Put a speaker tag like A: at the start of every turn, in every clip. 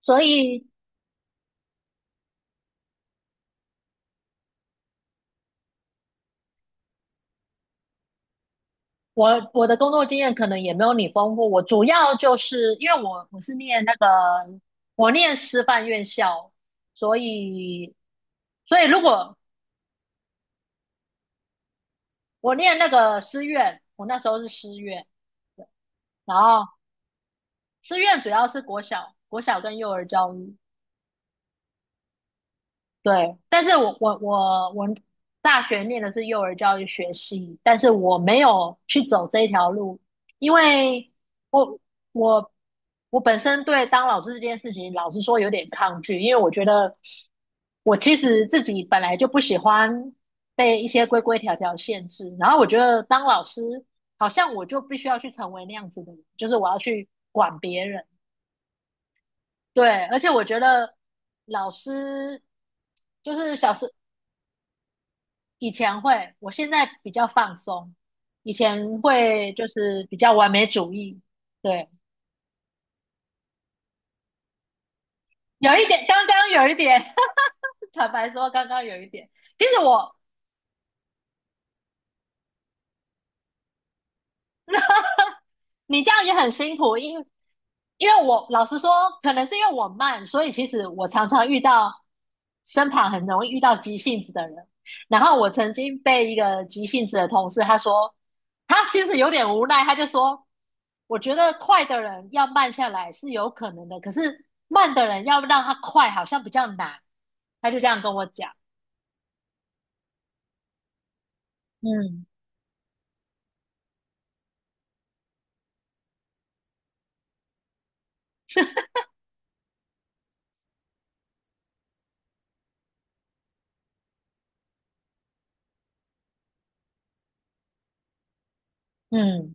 A: 所以我的工作经验可能也没有你丰富。我主要就是因为我我是念那个我念师范院校，所以所以我念那个师院，我那时候是师院，然后师院主要是国小跟幼儿教育，对，但是我大学念的是幼儿教育学系，但是我没有去走这一条路，因为我我我本身对当老师这件事情，老实说有点抗拒，因为我觉得我其实自己本来就不喜欢被一些规规条条限制，然后我觉得当老师好像我就必须要去成为那样子的人，就是我要去管别人。对，而且我觉得老师就是小时以前会，我现在比较放松。以前会就是比较完美主义，对，有一点，刚刚有一点，坦白说，刚刚有一点。其实我你这样也很辛苦，因为我老实说，可能是因为我慢，所以其实我常常遇到身旁很容易遇到急性子的人。然后我曾经被一个急性子的同事，他说他其实有点无奈，他就说我觉得快的人要慢下来是有可能的，可是慢的人要让他快好像比较难。他就这样跟我讲，嗯嗯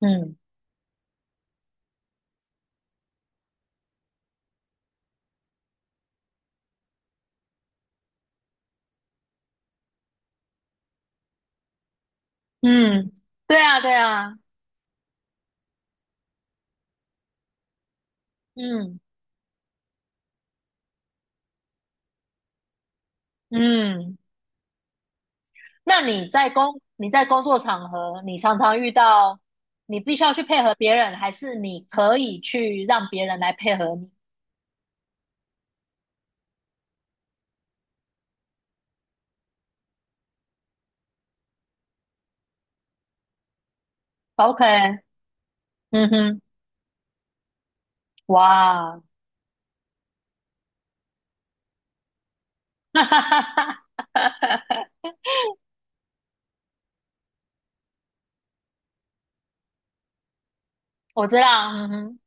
A: 嗯嗯，对啊对啊，嗯嗯。那你在工作场合，你常常遇到你必须要去配合别人，还是你可以去让别人来配合你？OK，嗯哼，哇，哈哈哈我知道，嗯哼，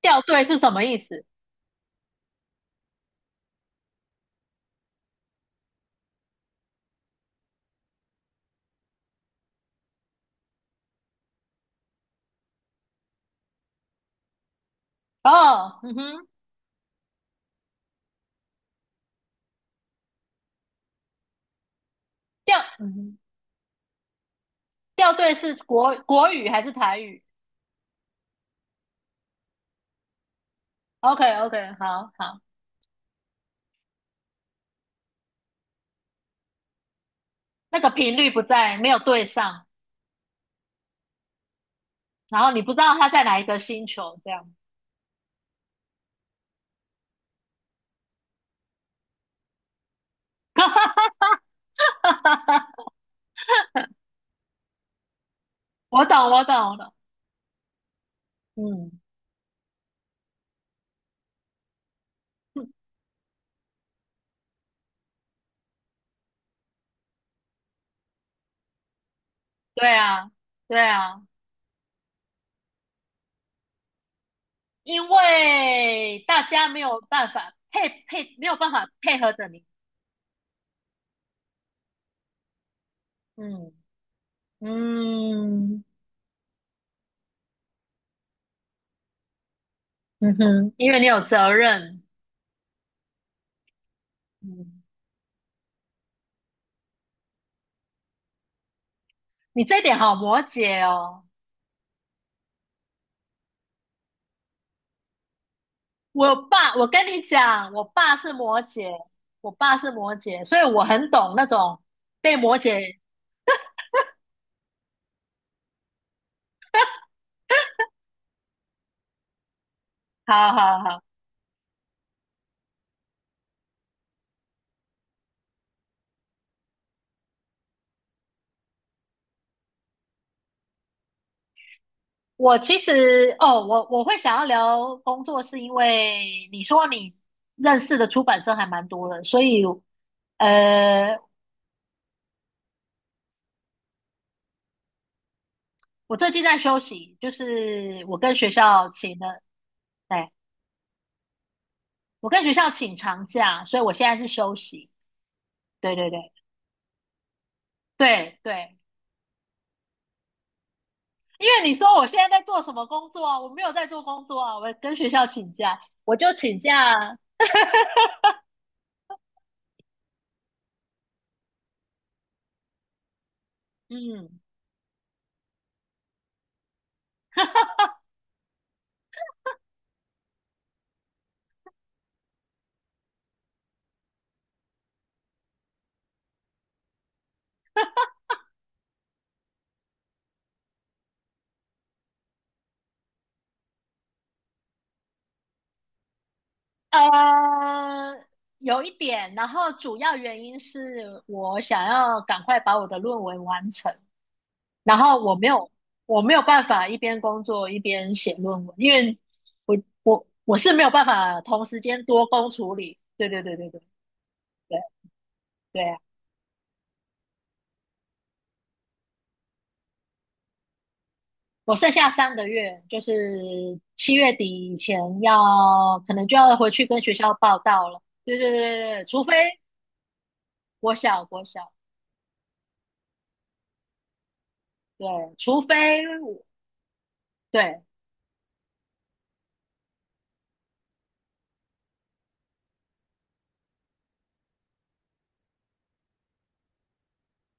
A: 掉队是什么意思？哦，嗯哼，嗯哼，掉队是国语还是台语？OK OK，好好，那个频率不在，没有对上，然后你不知道他在哪一个星球，这样。我懂，我懂，我懂。嗯，对啊，对啊，因为大家没有办法配配，没有办法配合着你。嗯嗯嗯哼，因为你有责任。嗯，你这一点好摩羯哦。我爸，我跟你讲，我爸是摩羯，我爸是摩羯，所以我很懂那种被摩羯。好好好。我其实哦，我会想要聊工作，是因为你说你认识的出版社还蛮多的，所以呃，我最近在休息，就是我跟学校请了，哎，我跟学校请长假，所以我现在是休息。对对对对对，因为你说我现在在做什么工作啊？我没有在做工作啊，我跟学校请假，我就请假。嗯，呃，有一点，然后主要原因是我想要赶快把我的论文完成，然后我没有办法一边工作一边写论文，因为我我是没有办法同时间多工处理。对对对对对对对啊，我剩下3个月，就是7月底以前可能就要回去跟学校报到了。对对对对对，除非国小国小，对，除非我对，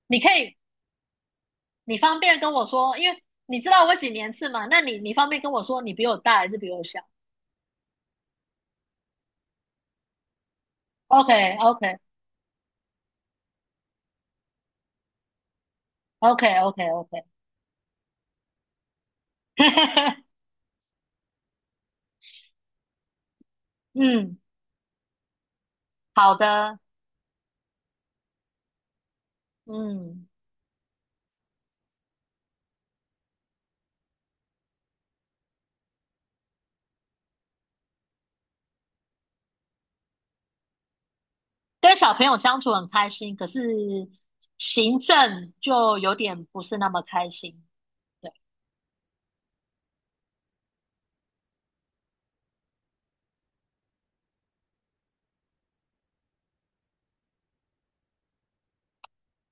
A: 你可以。你方便跟我说，因为你知道我几年次嘛？那你方便跟我说，你比我大还是比我小？OK OK OK OK OK，嗯，好的，嗯，跟小朋友相处很开心，可是行政就有点不是那么开心。对，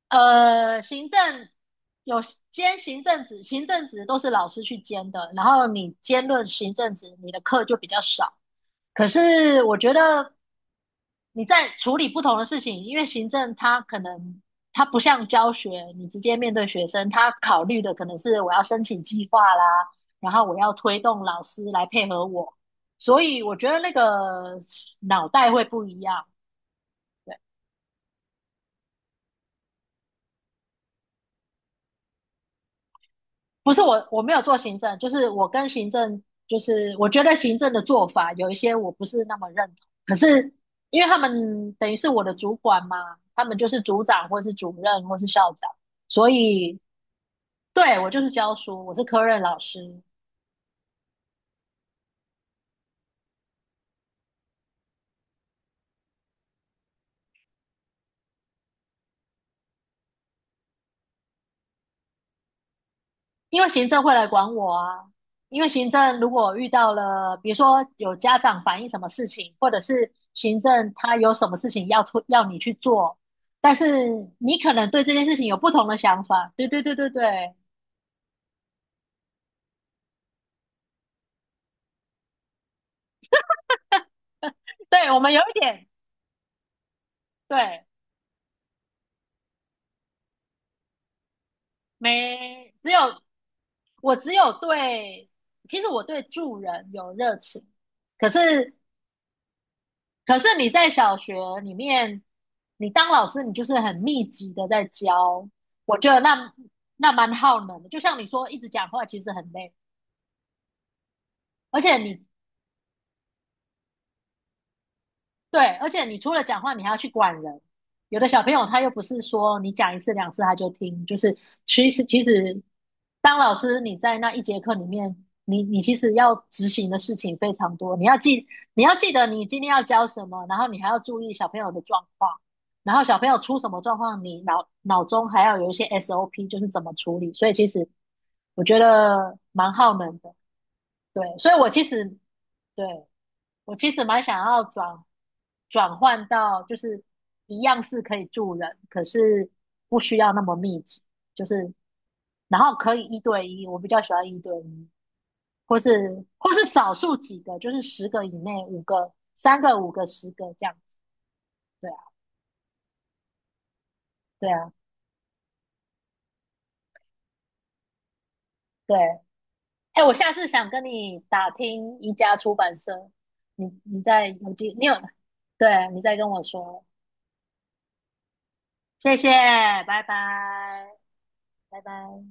A: 行政有兼行政职，行政职都是老师去兼的，然后你兼任行政职，你的课就比较少。可是我觉得你在处理不同的事情，因为行政它可能它不像教学，你直接面对学生，他考虑的可能是我要申请计划啦，然后我要推动老师来配合我，所以我觉得那个脑袋会不一样。对。不是我，我没有做行政，就是我跟行政，就是我觉得行政的做法有一些我不是那么认同。可是因为他们等于是我的主管嘛，他们就是组长或是主任或是校长，所以对我就是教书，我是科任老师，因为行政会来管我啊。因为行政如果遇到了，比如说有家长反映什么事情，或者是行政他有什么事情要出要你去做，但是你可能对这件事情有不同的想法。对对对对对，对我们有一点对，没只有我只有对，其实我对助人有热情，可是可是你在小学里面，你当老师，你就是很密集的在教，我觉得那蛮耗能的。就像你说，一直讲话其实很累，而且你对，而且你除了讲话，你还要去管人。有的小朋友他又不是说你讲一次两次他就听，就是其实当老师你在那一节课里面，你其实要执行的事情非常多，你要记得你今天要教什么，然后你还要注意小朋友的状况，然后小朋友出什么状况，你脑中还要有一些 SOP，就是怎么处理。所以其实我觉得蛮耗能的，对，所以我其实对。我其实蛮想要转换到，就是一样是可以住人，可是不需要那么密集，就是然后可以一对一，我比较喜欢一对一，或是少数几个，就是10个以内，五个、三个、五个、十个这样子。对啊，对啊，对。哎，我下次想跟你打听一家出版社，你有，对，你再跟我说。谢谢，拜拜，拜拜。